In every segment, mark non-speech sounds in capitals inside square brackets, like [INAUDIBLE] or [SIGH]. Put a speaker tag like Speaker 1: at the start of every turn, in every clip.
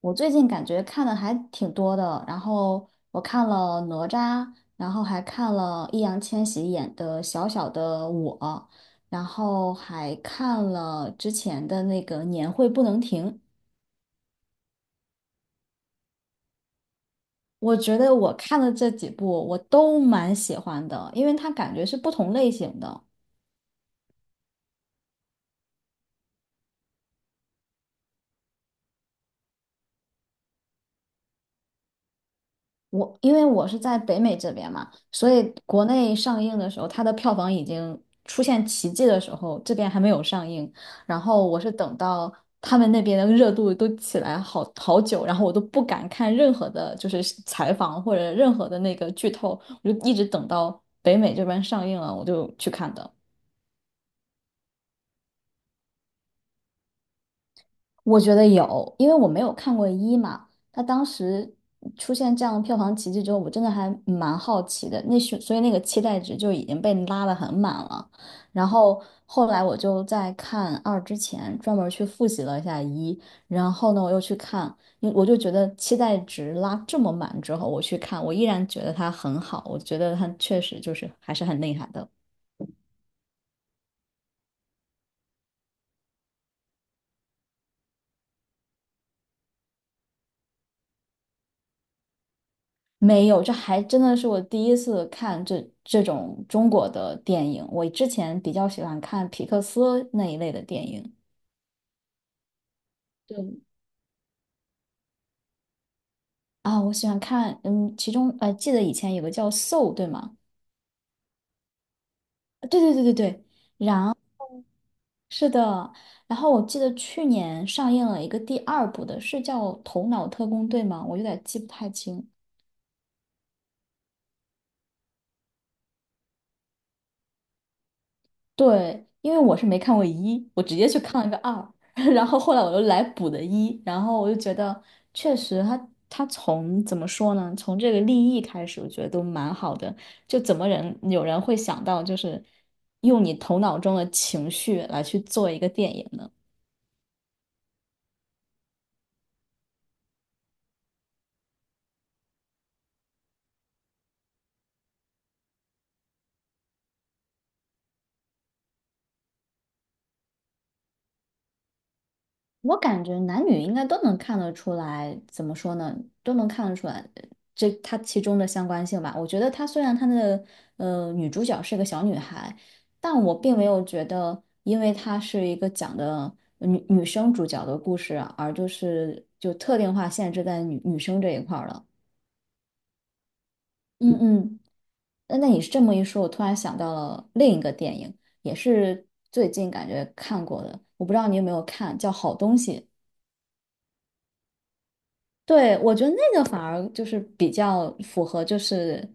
Speaker 1: 我最近感觉看的还挺多的，然后我看了哪吒，然后还看了易烊千玺演的《小小的我》，然后还看了之前的那个《年会不能停》。我觉得我看的这几部我都蛮喜欢的，因为它感觉是不同类型的。我因为我是在北美这边嘛，所以国内上映的时候，它的票房已经出现奇迹的时候，这边还没有上映。然后我是等到他们那边的热度都起来好好久，然后我都不敢看任何的，就是采访或者任何的那个剧透，我就一直等到北美这边上映了，我就去看的。我觉得有，因为我没有看过一嘛，他当时出现这样的票房奇迹之后，我真的还蛮好奇的，那是所以那个期待值就已经被拉得很满了。然后后来我就在看二之前专门去复习了一下一，然后呢我又去看，因为我就觉得期待值拉这么满之后，我去看，我依然觉得它很好，我觉得它确实就是还是很厉害的。没有，这还真的是我第一次看这种中国的电影。我之前比较喜欢看皮克斯那一类的电影。对啊，我喜欢看，嗯，其中记得以前有个叫《Soul》，对吗？对对对对对，是的。然后我记得去年上映了一个第二部的，是叫《头脑特工队》吗？我有点记不太清。对，因为我是没看过一，我直接去看了个二，[LAUGHS] 然后后来我又来补的一，然后我就觉得确实他从怎么说呢，从这个立意开始，我觉得都蛮好的。就怎么人有人会想到，就是用你头脑中的情绪来去做一个电影呢？我感觉男女应该都能看得出来，怎么说呢，都能看得出来这它其中的相关性吧。我觉得她虽然她的女主角是个小女孩，但我并没有觉得，因为她是一个讲的女生主角的故事啊，而就是就特定化限制在女生这一块儿了。嗯嗯，那你是这么一说，我突然想到了另一个电影，也是最近感觉看过的，我不知道你有没有看，叫《好东西》。对，我觉得那个反而就是比较符合，就是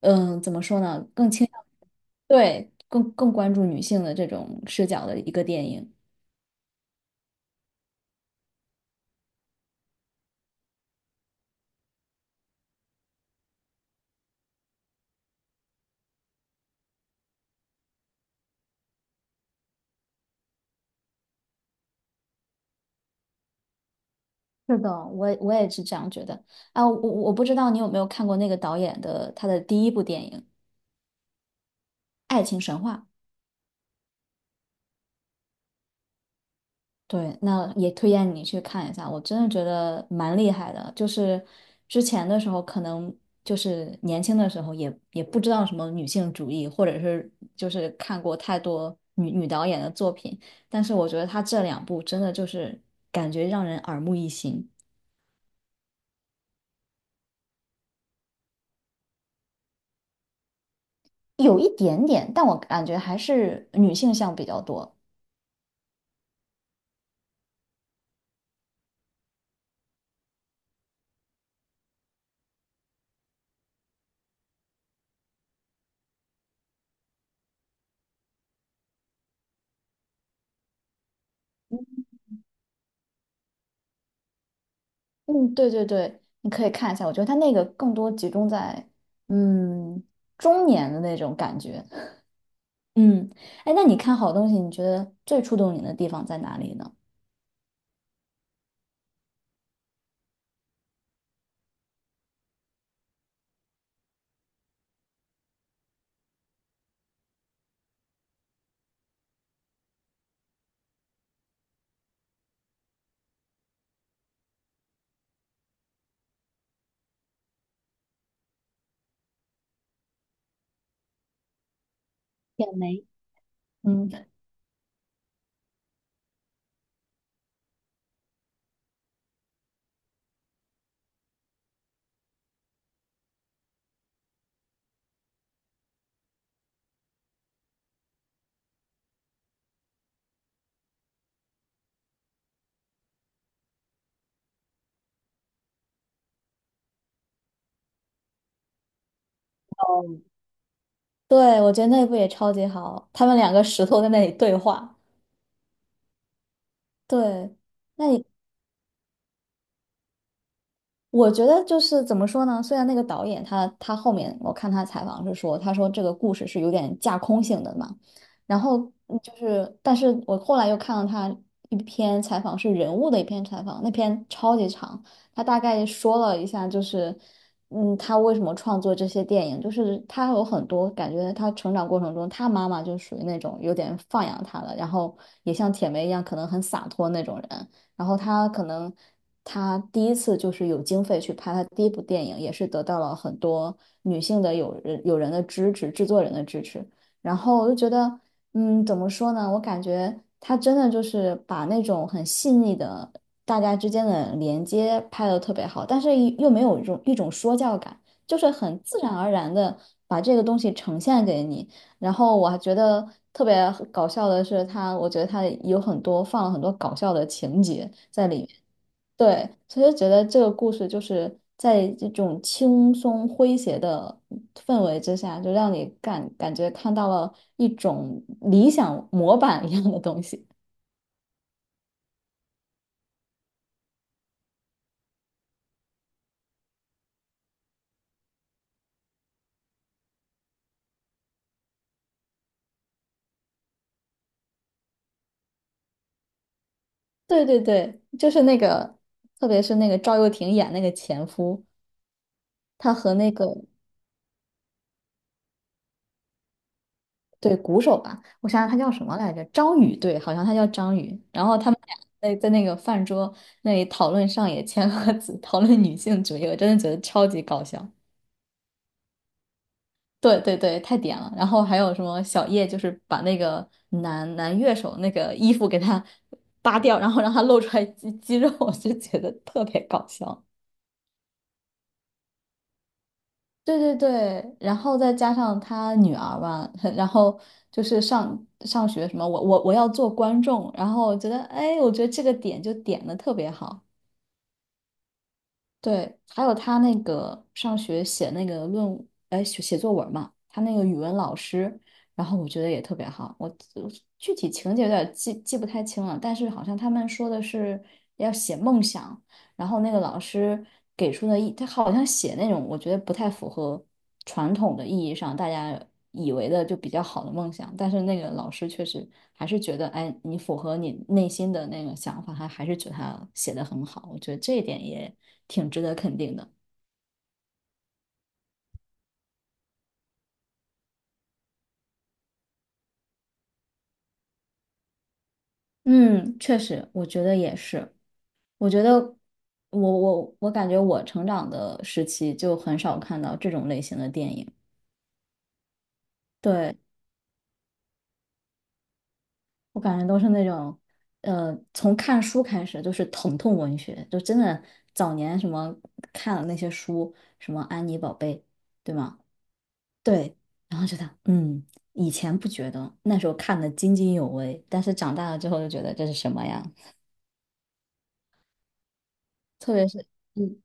Speaker 1: 嗯，怎么说呢，更倾向对更关注女性的这种视角的一个电影。是的，我也是这样觉得啊，我我不知道你有没有看过那个导演的他的第一部电影《爱情神话》。对，那也推荐你去看一下，我真的觉得蛮厉害的。就是之前的时候，可能就是年轻的时候也不知道什么女性主义，或者是就是看过太多女导演的作品，但是我觉得她这两部真的就是感觉让人耳目一新，有一点点，但我感觉还是女性向比较多。嗯，对对对，你可以看一下，我觉得她那个更多集中在嗯中年的那种感觉。嗯，哎，那你看好东西，你觉得最触动你的地方在哪里呢？也没，嗯，对，我觉得那部也超级好，他们两个石头在那里对话。对，那你。我觉得就是怎么说呢？虽然那个导演他后面我看他采访是说，他说这个故事是有点架空性的嘛，然后嗯就是，但是我后来又看了他一篇采访，是人物的一篇采访，那篇超级长，他大概说了一下，就是嗯，他为什么创作这些电影，就是他有很多感觉，他成长过程中，他妈妈就属于那种有点放养他了，然后也像铁梅一样，可能很洒脱那种人。然后他可能他第一次就是有经费去拍他第一部电影，也是得到了很多女性的友人的支持，制作人的支持。然后我就觉得，嗯，怎么说呢？我感觉他真的就是把那种很细腻的大家之间的连接拍得特别好，但是又没有一种说教感，就是很自然而然的把这个东西呈现给你。然后我还觉得特别搞笑的是他我觉得他有很多放了很多搞笑的情节在里面。对，其实觉得这个故事就是在这种轻松诙谐的氛围之下，就让你感觉看到了一种理想模板一样的东西。[LAUGHS] 对对对，就是那个，特别是那个赵又廷演那个前夫，他和那个对，鼓手吧，我想想他叫什么来着？张宇，对，好像他叫张宇。然后他们俩在那个饭桌那里讨论上野千鹤子，讨论女性主义，我真的觉得超级搞笑。对对对，太点了。然后还有什么小叶，就是把那个男乐手那个衣服给他 [LAUGHS] 扒掉，然后让他露出来肌肉，我就觉得特别搞笑。对对对，然后再加上他女儿吧，[LAUGHS] 然后就是上学什么，我要做观众，然后我觉得，哎，我觉得这个点就点的特别好。对，还有他那个上学写那个论，哎，写作文嘛，他那个语文老师，然后我觉得也特别好。我具体情节有点记不太清了，但是好像他们说的是要写梦想，然后那个老师给出的意，他好像写那种我觉得不太符合传统的意义上大家以为的就比较好的梦想，但是那个老师确实还是觉得，哎，你符合你内心的那个想法，他还是觉得他写的很好，我觉得这一点也挺值得肯定的。嗯，确实，我觉得也是。我觉得我感觉我成长的时期就很少看到这种类型的电影。对，我感觉都是那种，从看书开始就是疼痛文学，就真的早年什么看了那些书，什么安妮宝贝，对吗？对，然后觉得，嗯，以前不觉得，那时候看的津津有味，但是长大了之后就觉得这是什么呀？特别是，嗯，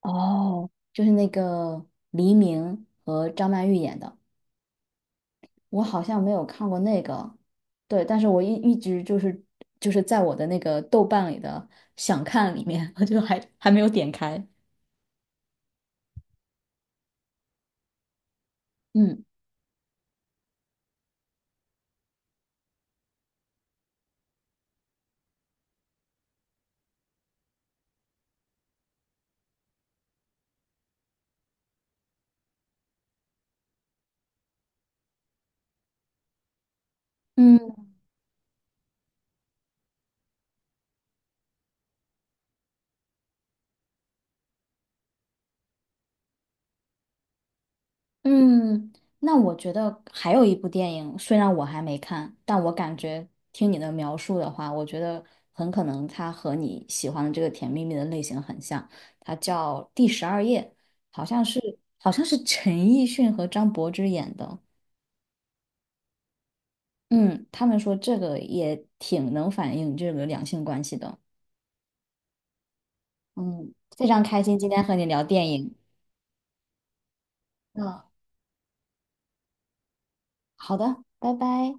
Speaker 1: 哦，就是那个黎明和张曼玉演的。我好像没有看过那个，对，但是我一直就是就是在我的那个豆瓣里的想看里面，[LAUGHS] 我就还没有点开。嗯嗯嗯，那我觉得还有一部电影，虽然我还没看，但我感觉听你的描述的话，我觉得很可能它和你喜欢的这个《甜蜜蜜》的类型很像，它叫《第十二夜》，好像是好像是陈奕迅和张柏芝演的。嗯，他们说这个也挺能反映这个两性关系的。嗯，非常开心今天和你聊电影。嗯，好的，拜拜。